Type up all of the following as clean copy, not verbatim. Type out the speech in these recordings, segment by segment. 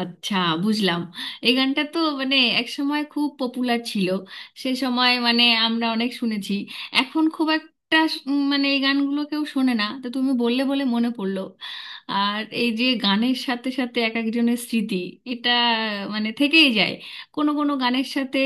আচ্ছা, বুঝলাম। এই গানটা তো মানে এক সময় খুব পপুলার ছিল। সে সময় মানে আমরা অনেক শুনেছি। এখন খুব একটা মানে এই গানগুলো কেউ শোনে না, তো তুমি বললে বলে মনে পড়লো। আর এই যে গানের সাথে সাথে এক একজনের স্মৃতি, এটা মানে থেকেই যায়। কোনো কোনো গানের সাথে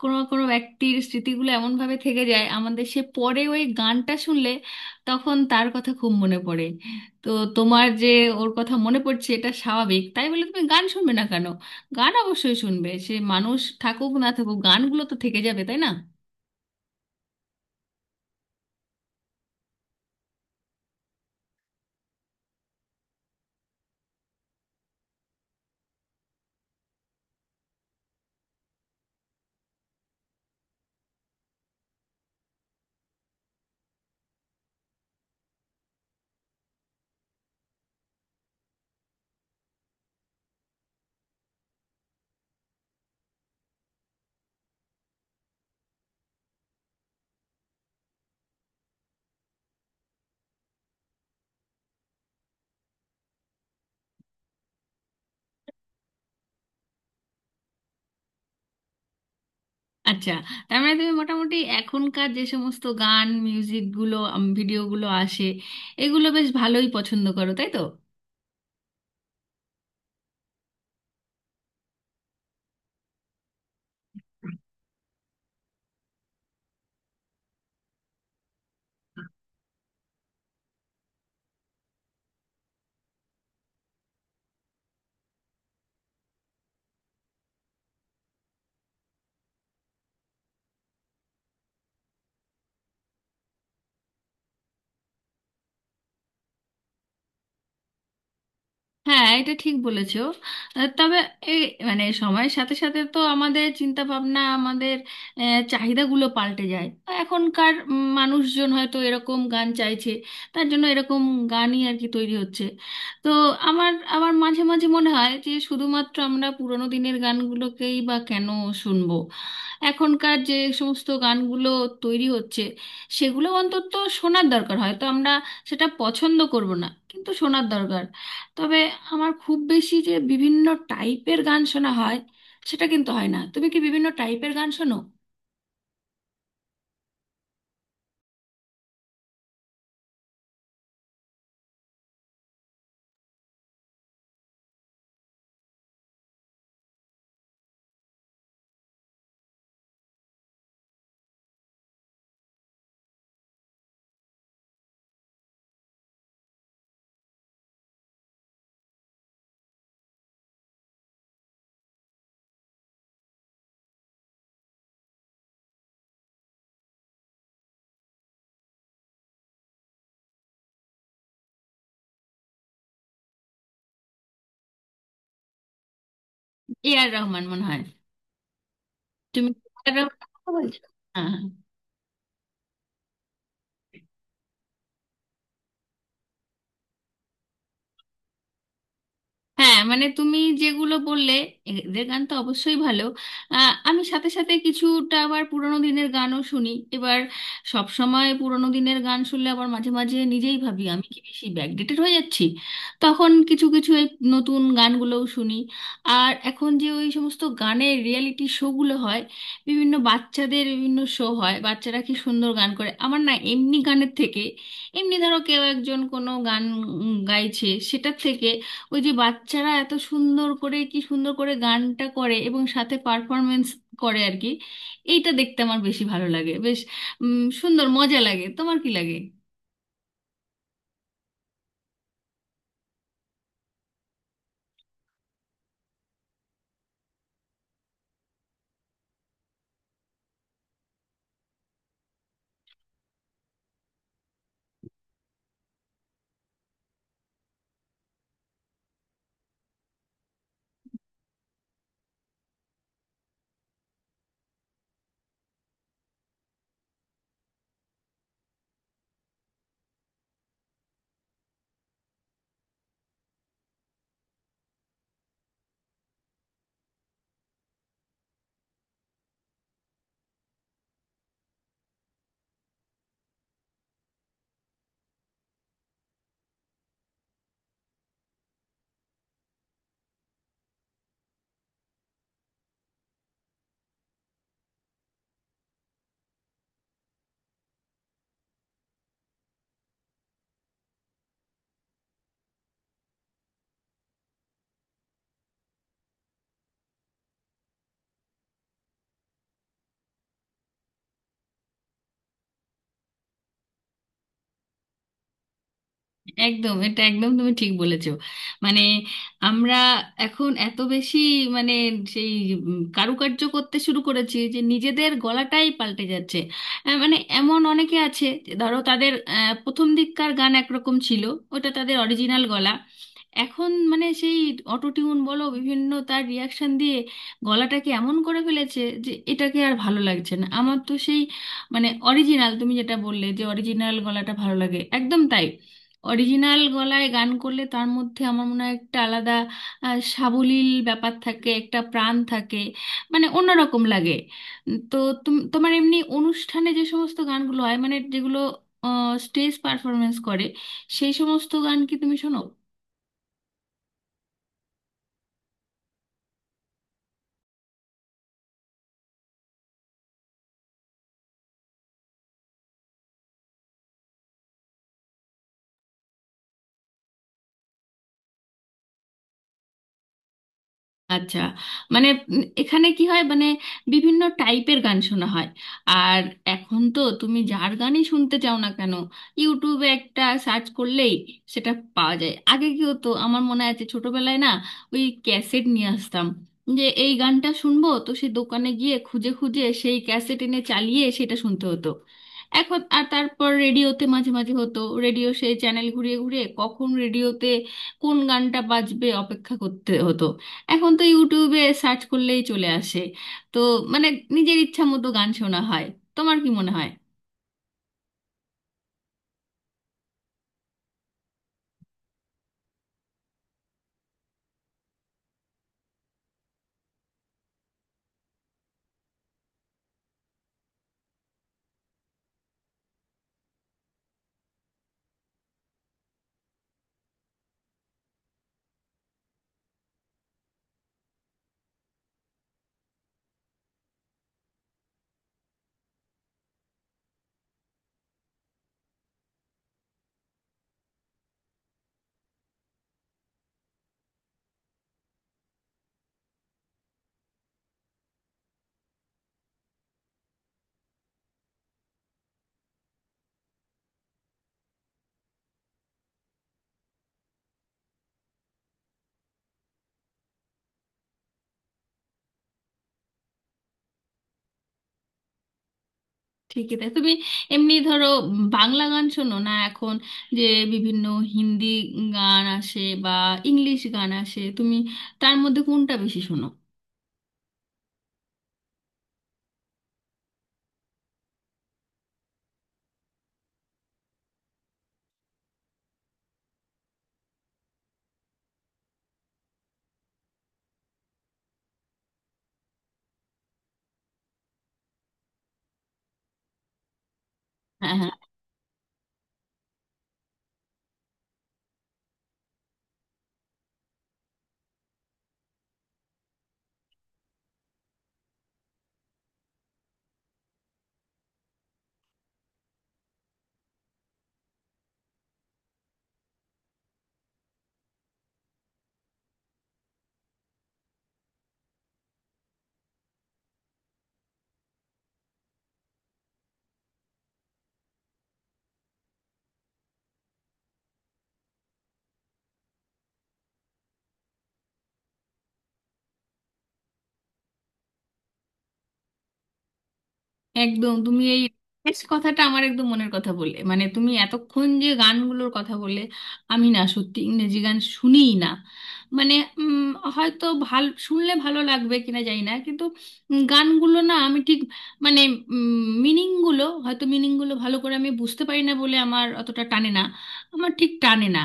কোনো কোনো ব্যক্তির স্মৃতিগুলো এমনভাবে থেকে যায় আমাদের, সে পরে ওই গানটা শুনলে তখন তার কথা খুব মনে পড়ে। তো তোমার যে ওর কথা মনে পড়ছে, এটা স্বাভাবিক, তাই বলে তুমি গান শুনবে না কেন? গান অবশ্যই শুনবে, সে মানুষ থাকুক না থাকুক গানগুলো তো থেকে যাবে, তাই না? আচ্ছা, তার মানে তুমি মোটামুটি এখনকার যে সমস্ত গান, মিউজিকগুলো, ভিডিওগুলো আসে, এগুলো বেশ ভালোই পছন্দ করো, তাই তো? হ্যাঁ, এটা ঠিক বলেছো। তবে এই মানে সময়ের সাথে সাথে তো আমাদের চিন্তা ভাবনা, আমাদের চাহিদাগুলো পাল্টে যায়। এখনকার মানুষজন হয়তো এরকম গান চাইছে, তার জন্য এরকম গানই আর কি তৈরি হচ্ছে। তো আমার আমার মাঝে মাঝে মনে হয় যে শুধুমাত্র আমরা পুরোনো দিনের গানগুলোকেই বা কেন শুনবো? এখনকার যে সমস্ত গানগুলো তৈরি হচ্ছে সেগুলো অন্তত শোনার দরকার, হয়তো আমরা সেটা পছন্দ করব না কিন্তু শোনার দরকার। তবে আমার খুব বেশি যে বিভিন্ন টাইপের গান শোনা হয়, সেটা কিন্তু হয় না। তুমি কি বিভিন্ন টাইপের গান শোনো? এ আর রহমান মনে হয়। তুমি এ আর রহমান বলছো? হ্যাঁ, হ্যাঁ। হ্যাঁ, মানে তুমি যেগুলো বললে, এদের গান তো অবশ্যই ভালো। আমি সাথে সাথে কিছুটা আবার পুরোনো দিনের গানও শুনি। এবার সব সময় পুরোনো দিনের গান শুনলে আবার মাঝে মাঝে নিজেই ভাবি, আমি কি বেশি ব্যাকডেটেড হয়ে যাচ্ছি? তখন কিছু কিছু এই নতুন গানগুলোও শুনি। আর এখন যে ওই সমস্ত গানের রিয়েলিটি শোগুলো হয়, বিভিন্ন বাচ্চাদের বিভিন্ন শো হয়, বাচ্চারা কি সুন্দর গান করে! আমার না, এমনি গানের থেকে, এমনি ধরো কেউ একজন কোনো গান গাইছে, সেটার থেকে ওই যে বাচ্চারা এত সুন্দর করে, কি সুন্দর করে গানটা করে এবং সাথে পারফরমেন্স করে আর কি, এইটা দেখতে আমার বেশি ভালো লাগে। বেশ সুন্দর, মজা লাগে। তোমার কি লাগে? একদম, এটা একদম তুমি ঠিক বলেছো। মানে আমরা এখন এত বেশি মানে সেই কারুকার্য করতে শুরু করেছি যে নিজেদের গলাটাই পাল্টে যাচ্ছে। মানে এমন অনেকে আছে যে ধরো তাদের প্রথম দিককার গান একরকম ছিল, ওটা তাদের অরিজিনাল গলা। এখন মানে সেই অটো টিউন বলো, বিভিন্ন তার রিয়াকশন দিয়ে গলাটাকে এমন করে ফেলেছে যে এটাকে আর ভালো লাগছে না আমার। তো সেই মানে অরিজিনাল, তুমি যেটা বললে যে অরিজিনাল গলাটা ভালো লাগে, একদম তাই। অরিজিনাল গলায় গান করলে তার মধ্যে আমার মনে হয় একটা আলাদা সাবলীল ব্যাপার থাকে, একটা প্রাণ থাকে, মানে অন্যরকম লাগে। তো তোমার এমনি অনুষ্ঠানে যে সমস্ত গানগুলো হয়, মানে যেগুলো স্টেজ পারফরমেন্স করে, সেই সমস্ত গান কি তুমি শোনো? আচ্ছা, মানে এখানে কি হয়, মানে বিভিন্ন টাইপের গান শোনা হয়। আর এখন তো তুমি যার গানই শুনতে চাও না কেন, ইউটিউবে একটা সার্চ করলেই সেটা পাওয়া যায়। আগে কি হতো আমার মনে আছে, ছোটবেলায় না ওই ক্যাসেট নিয়ে আসতাম, যে এই গানটা শুনবো তো সেই দোকানে গিয়ে খুঁজে খুঁজে সেই ক্যাসেট এনে চালিয়ে সেটা শুনতে হতো। এখন আর, তারপর রেডিওতে মাঝে মাঝে হতো, রেডিও সেই চ্যানেল ঘুরিয়ে ঘুরিয়ে কখন রেডিওতে কোন গানটা বাজবে অপেক্ষা করতে হতো। এখন তো ইউটিউবে সার্চ করলেই চলে আসে। তো মানে নিজের ইচ্ছা মতো গান শোনা হয়। তোমার কি মনে হয়? ঠিকই তাই। তুমি এমনি ধরো বাংলা গান শোনো না, এখন যে বিভিন্ন হিন্দি গান আসে বা ইংলিশ গান আসে, তুমি তার মধ্যে কোনটা বেশি শোনো? হ্যাঁ, হ্যাঁ। একদম, তুমি এই শেষ কথাটা আমার একদম মনের কথা বলে। মানে তুমি এতক্ষণ যে গানগুলোর কথা বলে, আমি না সত্যি ইংরেজি গান শুনিই না। মানে উম, হয়তো ভাল শুনলে ভালো লাগবে কিনা জানি না, কিন্তু গানগুলো না আমি ঠিক মানে মিনিংগুলো, হয়তো মিনিংগুলো ভালো করে আমি বুঝতে পারি না বলে আমার অতটা টানে না, আমার ঠিক টানে না।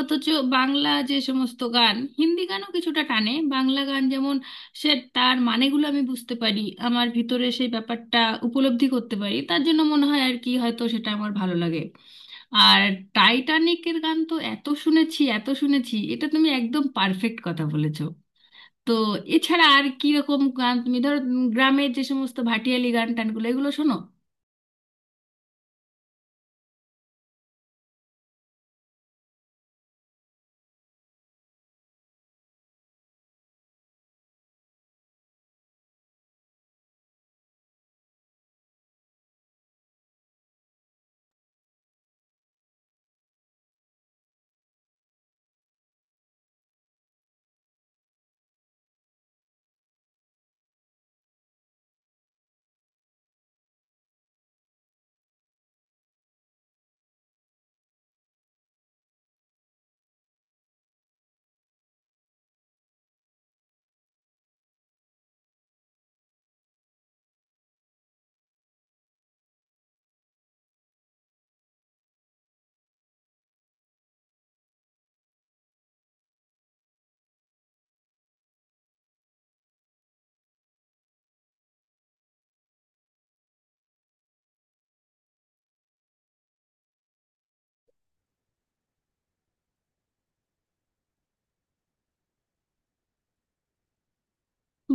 অথচ বাংলা যে সমস্ত গান, হিন্দি গানও কিছুটা টানে, বাংলা গান যেমন সে, তার মানেগুলো আমি বুঝতে পারি, আমার ভিতরে সেই ব্যাপারটা উপলব্ধি করতে পারি, তার জন্য মনে হয় আর কি হয়তো সেটা আমার ভালো লাগে। আর টাইটানিকের গান তো এত শুনেছি, এত শুনেছি, এটা তুমি একদম পারফেক্ট কথা বলেছো। তো এছাড়া আর কি রকম গান তুমি ধরো, গ্রামের যে সমস্ত ভাটিয়ালি গান, টানগুলো, এগুলো শোনো?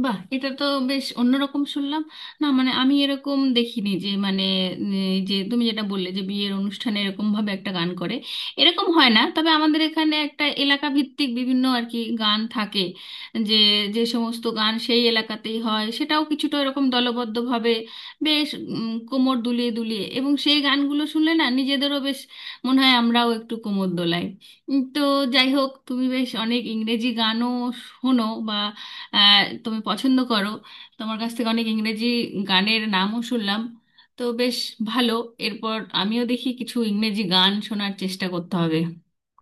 বাহ, এটা তো বেশ অন্যরকম শুনলাম। না মানে আমি এরকম দেখিনি, যে মানে এই যে তুমি যেটা বললে যে বিয়ের অনুষ্ঠানে এরকম ভাবে একটা গান করে, এরকম হয় না। তবে আমাদের এখানে একটা এলাকা ভিত্তিক বিভিন্ন আর কি গান থাকে, যে যে সমস্ত গান সেই এলাকাতেই হয়, সেটাও কিছুটা এরকম দলবদ্ধভাবে বেশ কোমর দুলিয়ে দুলিয়ে, এবং সেই গানগুলো শুনলে না নিজেদেরও বেশ মনে হয় আমরাও একটু কোমর দোলাই। তো যাই হোক, তুমি বেশ অনেক ইংরেজি গানও শোনো বা আহ, তুমি পছন্দ করো, তোমার কাছ থেকে অনেক ইংরেজি গানের নামও শুনলাম। তো বেশ ভালো, এরপর আমিও দেখি কিছু ইংরেজি গান শোনার চেষ্টা করতে হবে।